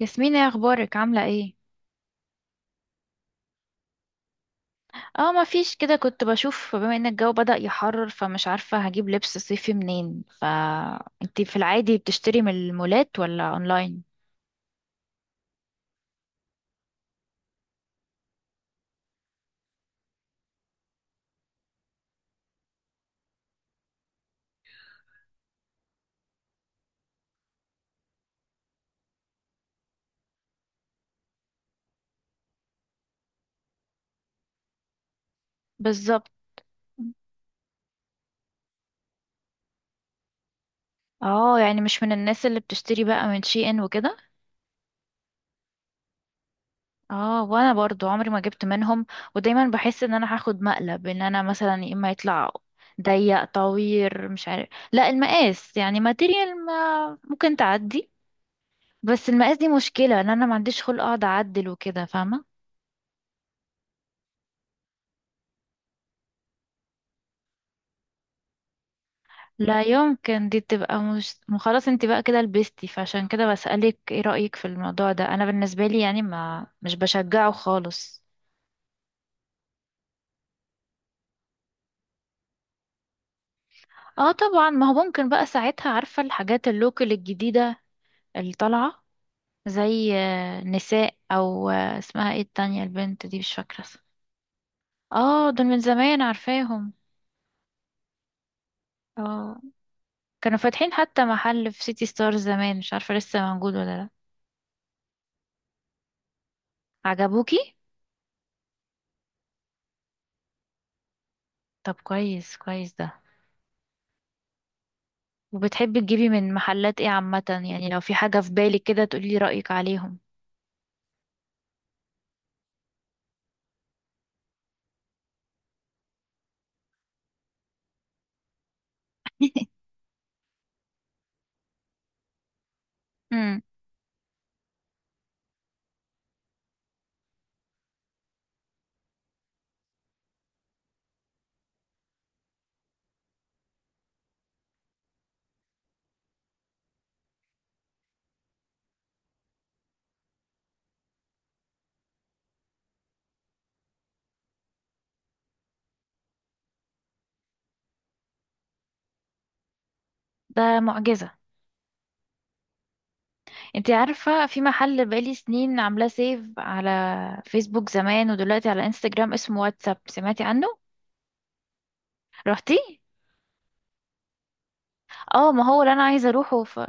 ياسمين، ايه اخبارك؟ عامله ايه؟ اه، ما فيش كده. كنت بشوف بما ان الجو بدأ يحرر، فمش عارفه هجيب لبس صيفي منين. فانتي في العادي بتشتري من المولات ولا اونلاين؟ بالظبط. اه يعني مش من الناس اللي بتشتري بقى من شي ان وكده. اه، وانا برضو عمري ما جبت منهم. ودايما بحس ان انا هاخد مقلب، ان انا مثلا يا اما يطلع ضيق طوير، مش عارف، لا المقاس، يعني ماتيريال ما ممكن تعدي، بس المقاس دي مشكله ان انا ما عنديش خلق اقعد اعدل وكده، فاهمه؟ لا يمكن دي تبقى مش، ما خلاص انت بقى كده لبستي، فعشان كده بسألك ايه رأيك في الموضوع ده. انا بالنسبة لي يعني ما، مش بشجعه خالص. اه طبعا، ما هو ممكن بقى ساعتها عارفة الحاجات اللوكل الجديدة اللي طالعة، زي نساء، او اسمها ايه التانية، البنت دي مش فاكرة اسمها. اه دول من زمان عارفاهم. اه، كانوا فاتحين حتى محل في سيتي ستارز زمان، مش عارفة لسه موجود ولا لا. عجبوكي؟ طب كويس، ده. وبتحبي تجيبي من محلات ايه عامة؟ يعني لو في حاجة في بالك كده تقولي رأيك عليهم. امم ده معجزة. انتي عارفة في محل بقالي سنين عاملاه سيف على فيسبوك زمان ودلوقتي على انستجرام، اسمه واتساب، سمعتي عنه؟ رحتي؟ اه ما هو اللي انا عايزة اروحه ف...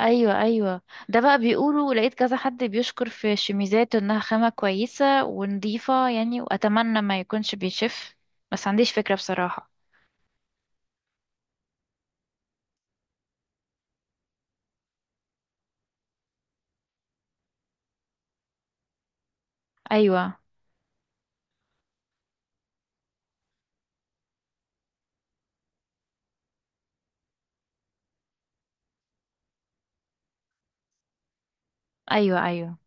ايوه ايوه. ده بقى بيقولوا، لقيت كذا حد بيشكر في الشميزات انها خامة كويسة ونضيفة يعني، واتمنى ما يكونش بيشف، بس عنديش فكرة بصراحة. ايوه ايوه. ايوه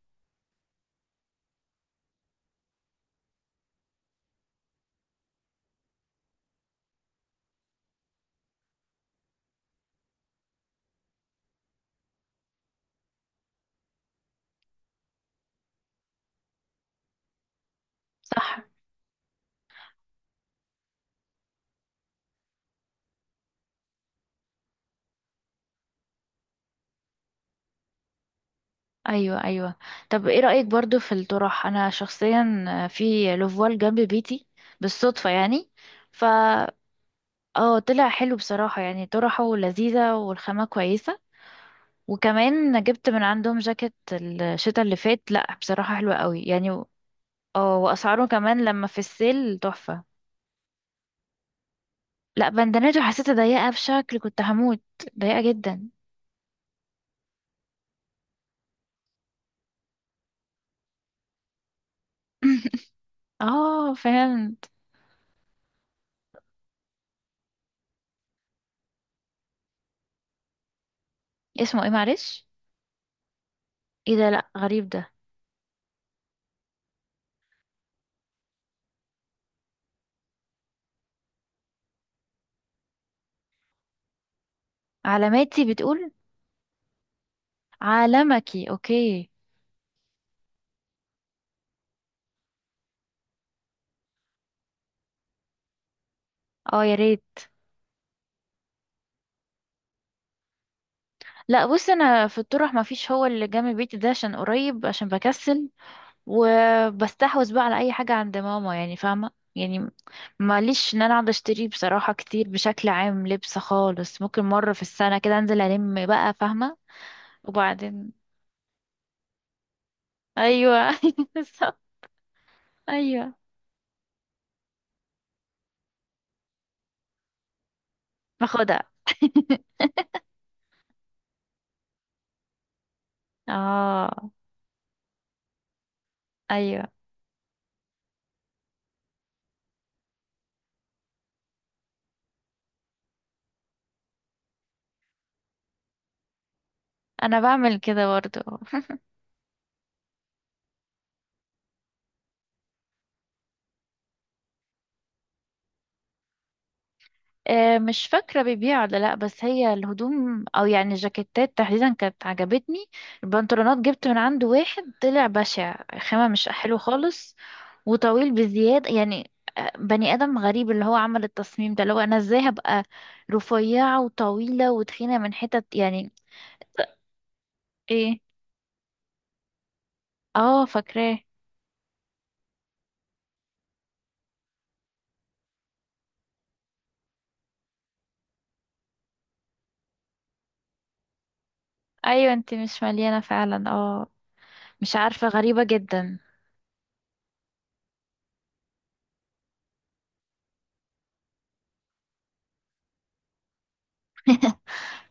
صح. ايوه ايوه. طب ايه رأيك برضو في الطرح؟ انا شخصيا في لوفوال جنب بيتي بالصدفة يعني، ف اه طلع حلو بصراحة، يعني طرحه لذيذة والخامة كويسة. وكمان جبت من عندهم جاكيت الشتا اللي فات، لا بصراحة حلوة قوي يعني و- اه واسعاره كمان لما في السيل تحفة. لا، بندنته حسيتها ضيقة بشكل كنت هموت. ضيقة جدا. اه فهمت. اسمه ايه معلش؟ ايه ده؟ لا غريب ده. علاماتي بتقول. عالمكي، اوكي. اه يا ريت. لا بص، انا في الطرح ما فيش. هو اللي جنب بيتي ده عشان قريب، عشان بكسل وبستحوذ بقى على اي حاجه عند ماما يعني، فاهمه يعني. ماليش ان انا اقعد اشتري بصراحه كتير بشكل عام لبس خالص. ممكن مره في السنه كده انزل الم بقى، فاهمه. وبعدين ايوه. بالظبط. ايوه باخدها. اه، ايوه. انا بعمل كده برضو. مش فاكرة بيبيع ولا لأ، بس هي الهدوم أو يعني الجاكيتات تحديدا كانت عجبتني. البنطلونات جبت من عنده واحد طلع بشع، خامة مش حلو خالص وطويل بزيادة يعني. بني آدم غريب اللي هو عمل التصميم ده، اللي هو أنا ازاي هبقى رفيعة وطويلة وتخينة من حتت يعني. ايه؟ اه فاكراه. ايوه انت مش مليانة فعلا، اه. مش عارفة، غريبة جدا.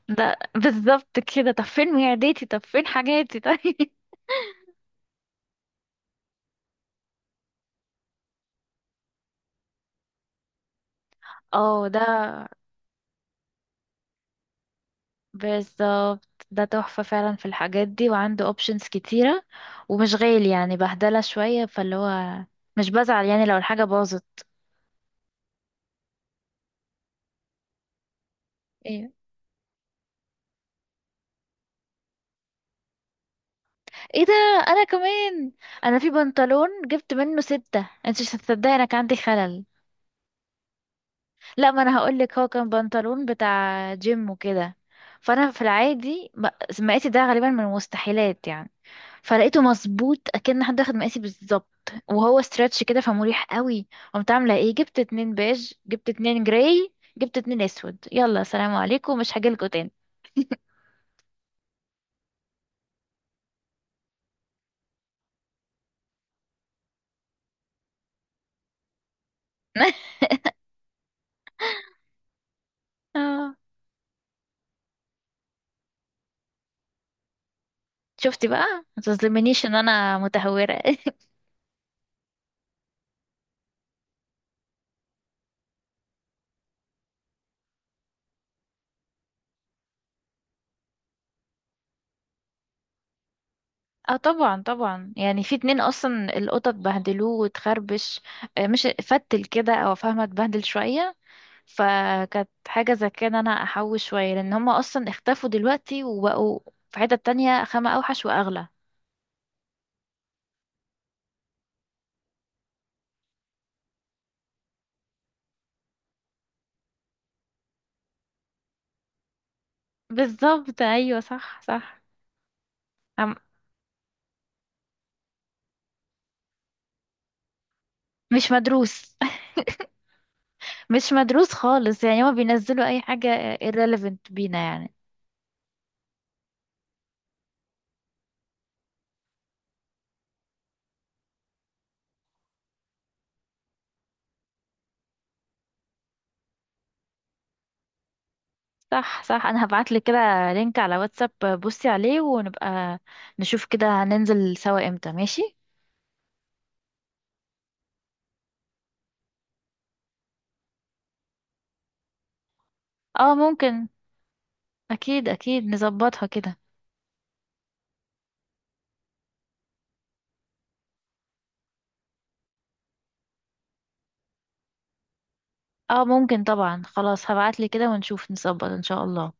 ده بالظبط كده. طب فين معدتي؟ طب فين حاجاتي؟ طيب. اه ده. بالظبط، ده تحفة فعلا في الحاجات دي، وعنده options كتيرة ومش غالي يعني، بهدلة شوية. فاللي هو مش بزعل يعني لو الحاجة باظت. ايه؟ ايه ده؟ انا كمان. انا في بنطلون جبت منه ستة، انت مش هتصدقي، انا كان عندي خلل. لا ما انا هقولك، هو كان بنطلون بتاع جيم وكده، فانا في العادي م- مقاسي ده غالبا من المستحيلات يعني. فلقيته مظبوط، اكن حد اخد مقاسي بالظبط، وهو ستريتش كده فمريح قوي. قمت عامله ايه؟ جبت اتنين بيج، جبت اتنين جراي، جبت اتنين اسود، يلا سلام عليكم مش هجيلكوا تاني. آه، شفتي بقى. ما تظلمنيش ان انا متهوره. اه طبعا طبعا. يعني في اتنين اصلا القطط بهدلوه وتخربش، مش فتل كده او فاهمه، اتبهدل شويه. فكانت حاجه زي كده انا احوش شويه، لان هما اصلا اختفوا دلوقتي وبقوا في حته تانية خامة اوحش واغلى. بالظبط، ايوه صح صح. أم- مش مدروس. مش مدروس خالص يعني. هما بينزلوا اي حاجه irrelevant بينا يعني. صح صح. انا هبعتلك كده لينك على واتساب، بصي عليه، ونبقى نشوف كده هننزل سوا امتى، ماشي؟ اه ممكن، اكيد اكيد نظبطها كده. اه ممكن طبعا، خلاص هبعتلك كده ونشوف نظبط ان شاء الله.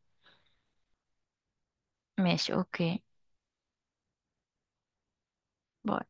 ماشي، اوكي، باي.